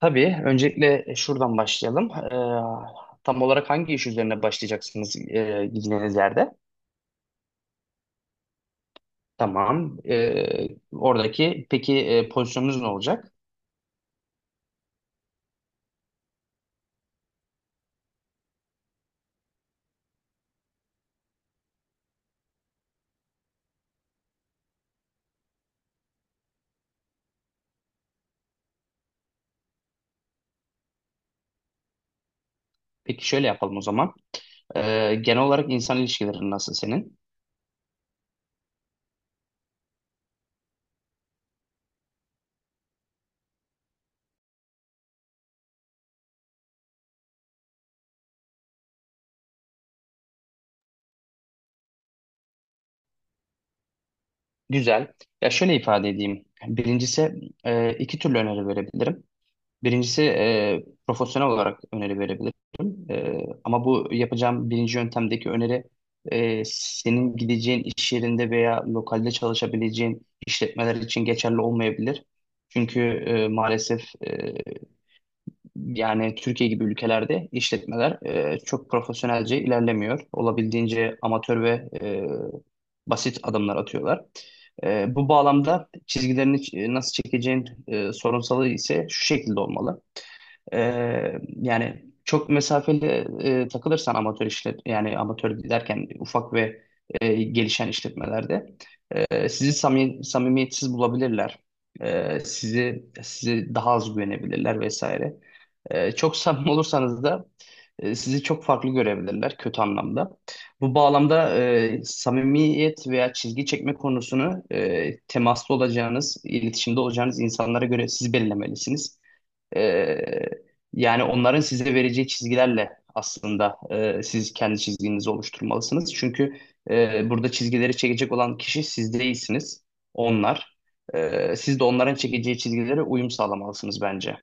Tabii. Öncelikle şuradan başlayalım. Tam olarak hangi iş üzerine başlayacaksınız gideceğiniz yerde? Tamam. Oradaki peki pozisyonunuz ne olacak? Peki şöyle yapalım o zaman. Genel olarak insan ilişkilerin nasıl senin? Güzel. Ya şöyle ifade edeyim. Birincisi iki türlü öneri verebilirim. Birincisi profesyonel olarak öneri verebilirim. E, Ama bu yapacağım birinci yöntemdeki öneri senin gideceğin iş yerinde veya lokalde çalışabileceğin işletmeler için geçerli olmayabilir. Çünkü maalesef e, yani Türkiye gibi ülkelerde işletmeler çok profesyonelce ilerlemiyor. Olabildiğince amatör ve basit adımlar atıyorlar. Bu bağlamda çizgilerini nasıl çekeceğin sorunsalı ise şu şekilde olmalı. Yani çok mesafeli takılırsan amatör yani amatör derken ufak ve gelişen işletmelerde sizi samimi, samimiyetsiz bulabilirler. Sizi daha az güvenebilirler vesaire. Çok samimi olursanız da sizi çok farklı görebilirler kötü anlamda. Bu bağlamda samimiyet veya çizgi çekme konusunu temaslı olacağınız, iletişimde olacağınız insanlara göre siz belirlemelisiniz. Ee, Yani onların size vereceği çizgilerle aslında siz kendi çizginizi oluşturmalısınız. Çünkü burada çizgileri çekecek olan kişi siz değilsiniz, onlar. Siz de onların çekeceği çizgilere uyum sağlamalısınız bence.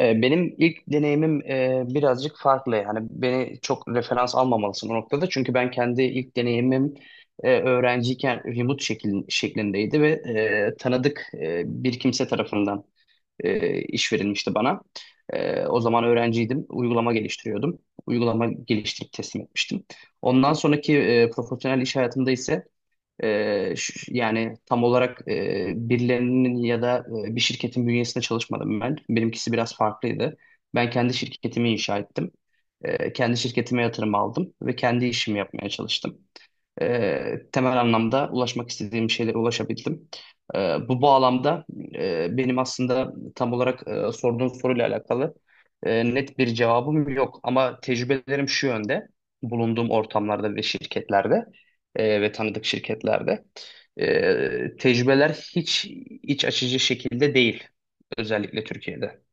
Benim ilk deneyimim birazcık farklı. Yani beni çok referans almamalısın o noktada. Çünkü ben kendi ilk deneyimim öğrenciyken remote şeklindeydi ve tanıdık bir kimse tarafından iş verilmişti bana. O zaman öğrenciydim, uygulama geliştiriyordum. Uygulama geliştirip teslim etmiştim. Ondan sonraki profesyonel iş hayatımda ise yani tam olarak birilerinin ya da bir şirketin bünyesinde çalışmadım ben. Benimkisi biraz farklıydı. Ben kendi şirketimi inşa ettim. Kendi şirketime yatırım aldım ve kendi işimi yapmaya çalıştım temel anlamda ulaşmak istediğim şeylere ulaşabildim. E, Bu bağlamda benim aslında tam olarak sorduğun soruyla alakalı net bir cevabım yok. Ama tecrübelerim şu yönde, bulunduğum ortamlarda ve şirketlerde ve tanıdık şirketlerde tecrübeler hiç iç açıcı şekilde değil, özellikle Türkiye'de.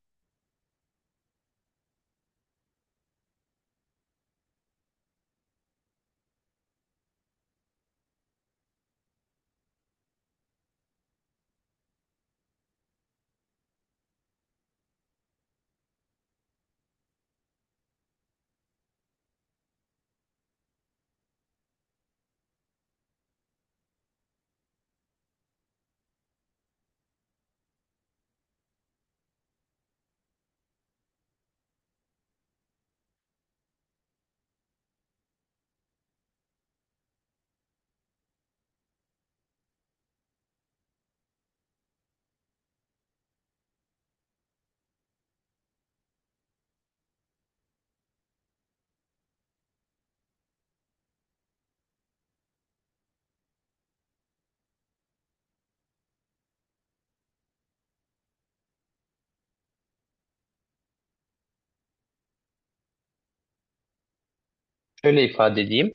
Şöyle ifade edeyim.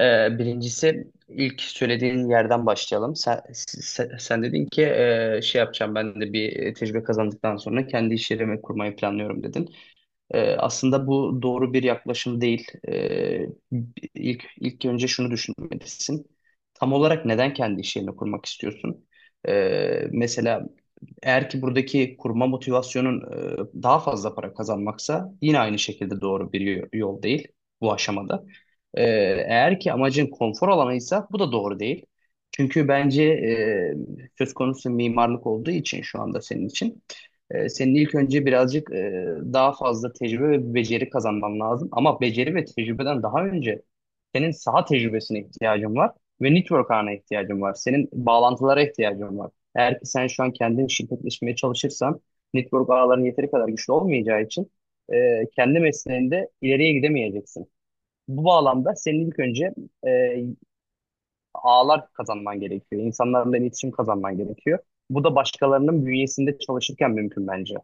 Birincisi ilk söylediğin yerden başlayalım. Sen dedin ki şey yapacağım ben de bir tecrübe kazandıktan sonra kendi iş yerimi kurmayı planlıyorum dedin. Aslında bu doğru bir yaklaşım değil. İlk, ilk önce şunu düşünmelisin. Tam olarak neden kendi iş yerini kurmak istiyorsun? Mesela eğer ki buradaki kurma motivasyonun daha fazla para kazanmaksa yine aynı şekilde doğru bir yol değil bu aşamada. E, Eğer ki amacın konfor alanıysa bu da doğru değil. Çünkü bence söz konusu mimarlık olduğu için şu anda senin için senin ilk önce birazcık daha fazla tecrübe ve beceri kazanman lazım. Ama beceri ve tecrübeden daha önce senin saha tecrübesine ihtiyacın var ve network ağına ihtiyacın var. Senin bağlantılara ihtiyacın var. Eğer ki sen şu an kendin şirketleşmeye çalışırsan network ağların yeteri kadar güçlü olmayacağı için kendi mesleğinde ileriye gidemeyeceksin. Bu bağlamda senin ilk önce e, ağlar kazanman gerekiyor. İnsanlarla iletişim kazanman gerekiyor. Bu da başkalarının bünyesinde çalışırken mümkün bence.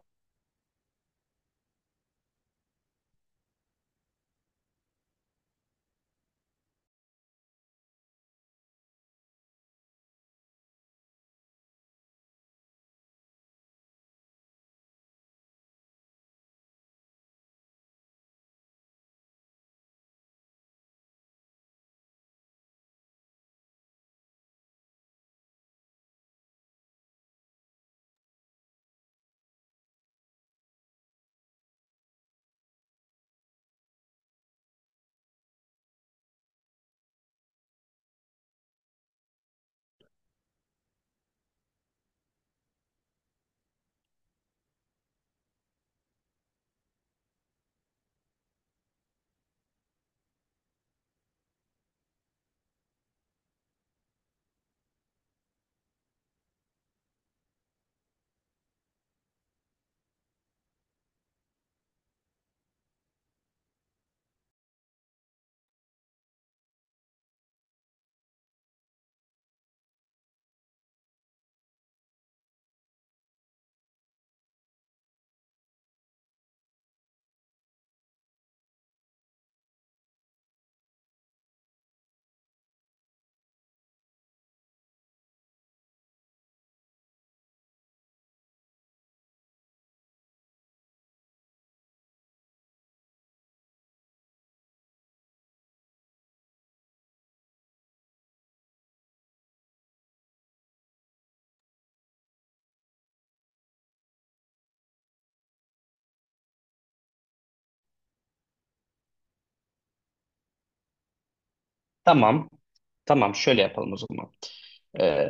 Tamam. Tamam, şöyle yapalım o zaman. Ee,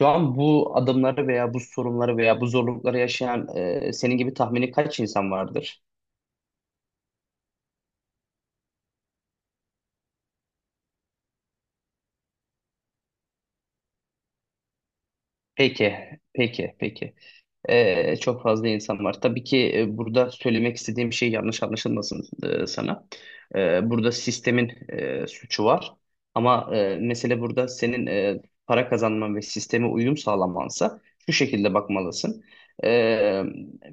Şu an bu adımları veya bu sorunları veya bu zorlukları yaşayan senin gibi tahmini kaç insan vardır? Peki, peki. Çok fazla insan var. Tabii ki burada söylemek istediğim şey yanlış anlaşılmasın sana. Burada sistemin suçu var. Ama mesele burada senin para kazanman ve sisteme uyum sağlamansa şu şekilde bakmalısın. Ee,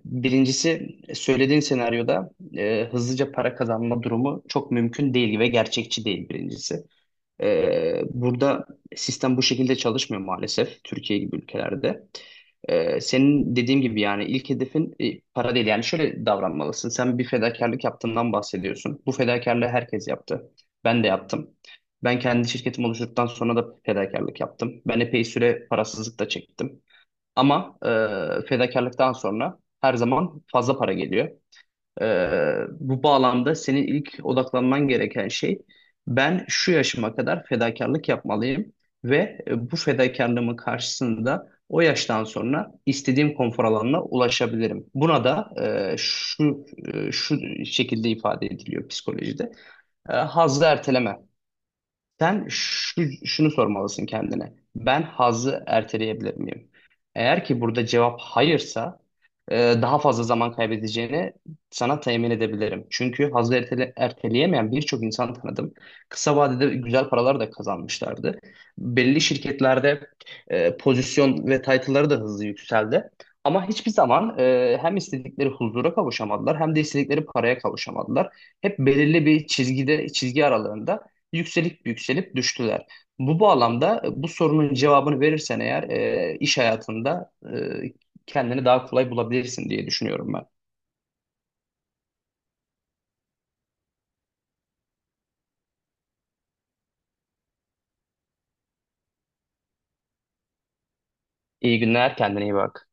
Birincisi söylediğin senaryoda hızlıca para kazanma durumu çok mümkün değil ve gerçekçi değil birincisi. Burada sistem bu şekilde çalışmıyor maalesef Türkiye gibi ülkelerde. Senin dediğim gibi yani ilk hedefin para değil. Yani şöyle davranmalısın. Sen bir fedakarlık yaptığından bahsediyorsun. Bu fedakarlığı herkes yaptı. Ben de yaptım. Ben kendi şirketimi oluşturduktan sonra da fedakarlık yaptım. Ben epey süre parasızlık da çektim. Ama fedakarlıktan sonra her zaman fazla para geliyor. Bu bağlamda senin ilk odaklanman gereken şey ben şu yaşıma kadar fedakarlık yapmalıyım ve bu fedakarlığımın karşısında o yaştan sonra istediğim konfor alanına ulaşabilirim. Buna da şu şekilde ifade ediliyor psikolojide. Hazzı erteleme. Şunu sormalısın kendine. Ben hazı erteleyebilir miyim? Eğer ki burada cevap hayırsa e, daha fazla zaman kaybedeceğini sana temin edebilirim. Çünkü erteleyemeyen birçok insan tanıdım. Kısa vadede güzel paralar da kazanmışlardı. Belli şirketlerde pozisyon ve title'ları da hızlı yükseldi. Ama hiçbir zaman hem istedikleri huzura kavuşamadılar hem de istedikleri paraya kavuşamadılar. Hep belirli bir çizgi aralığında yükselip düştüler. Bu bağlamda bu sorunun cevabını verirsen eğer iş hayatında kendini daha kolay bulabilirsin diye düşünüyorum ben. İyi günler, kendine iyi bak.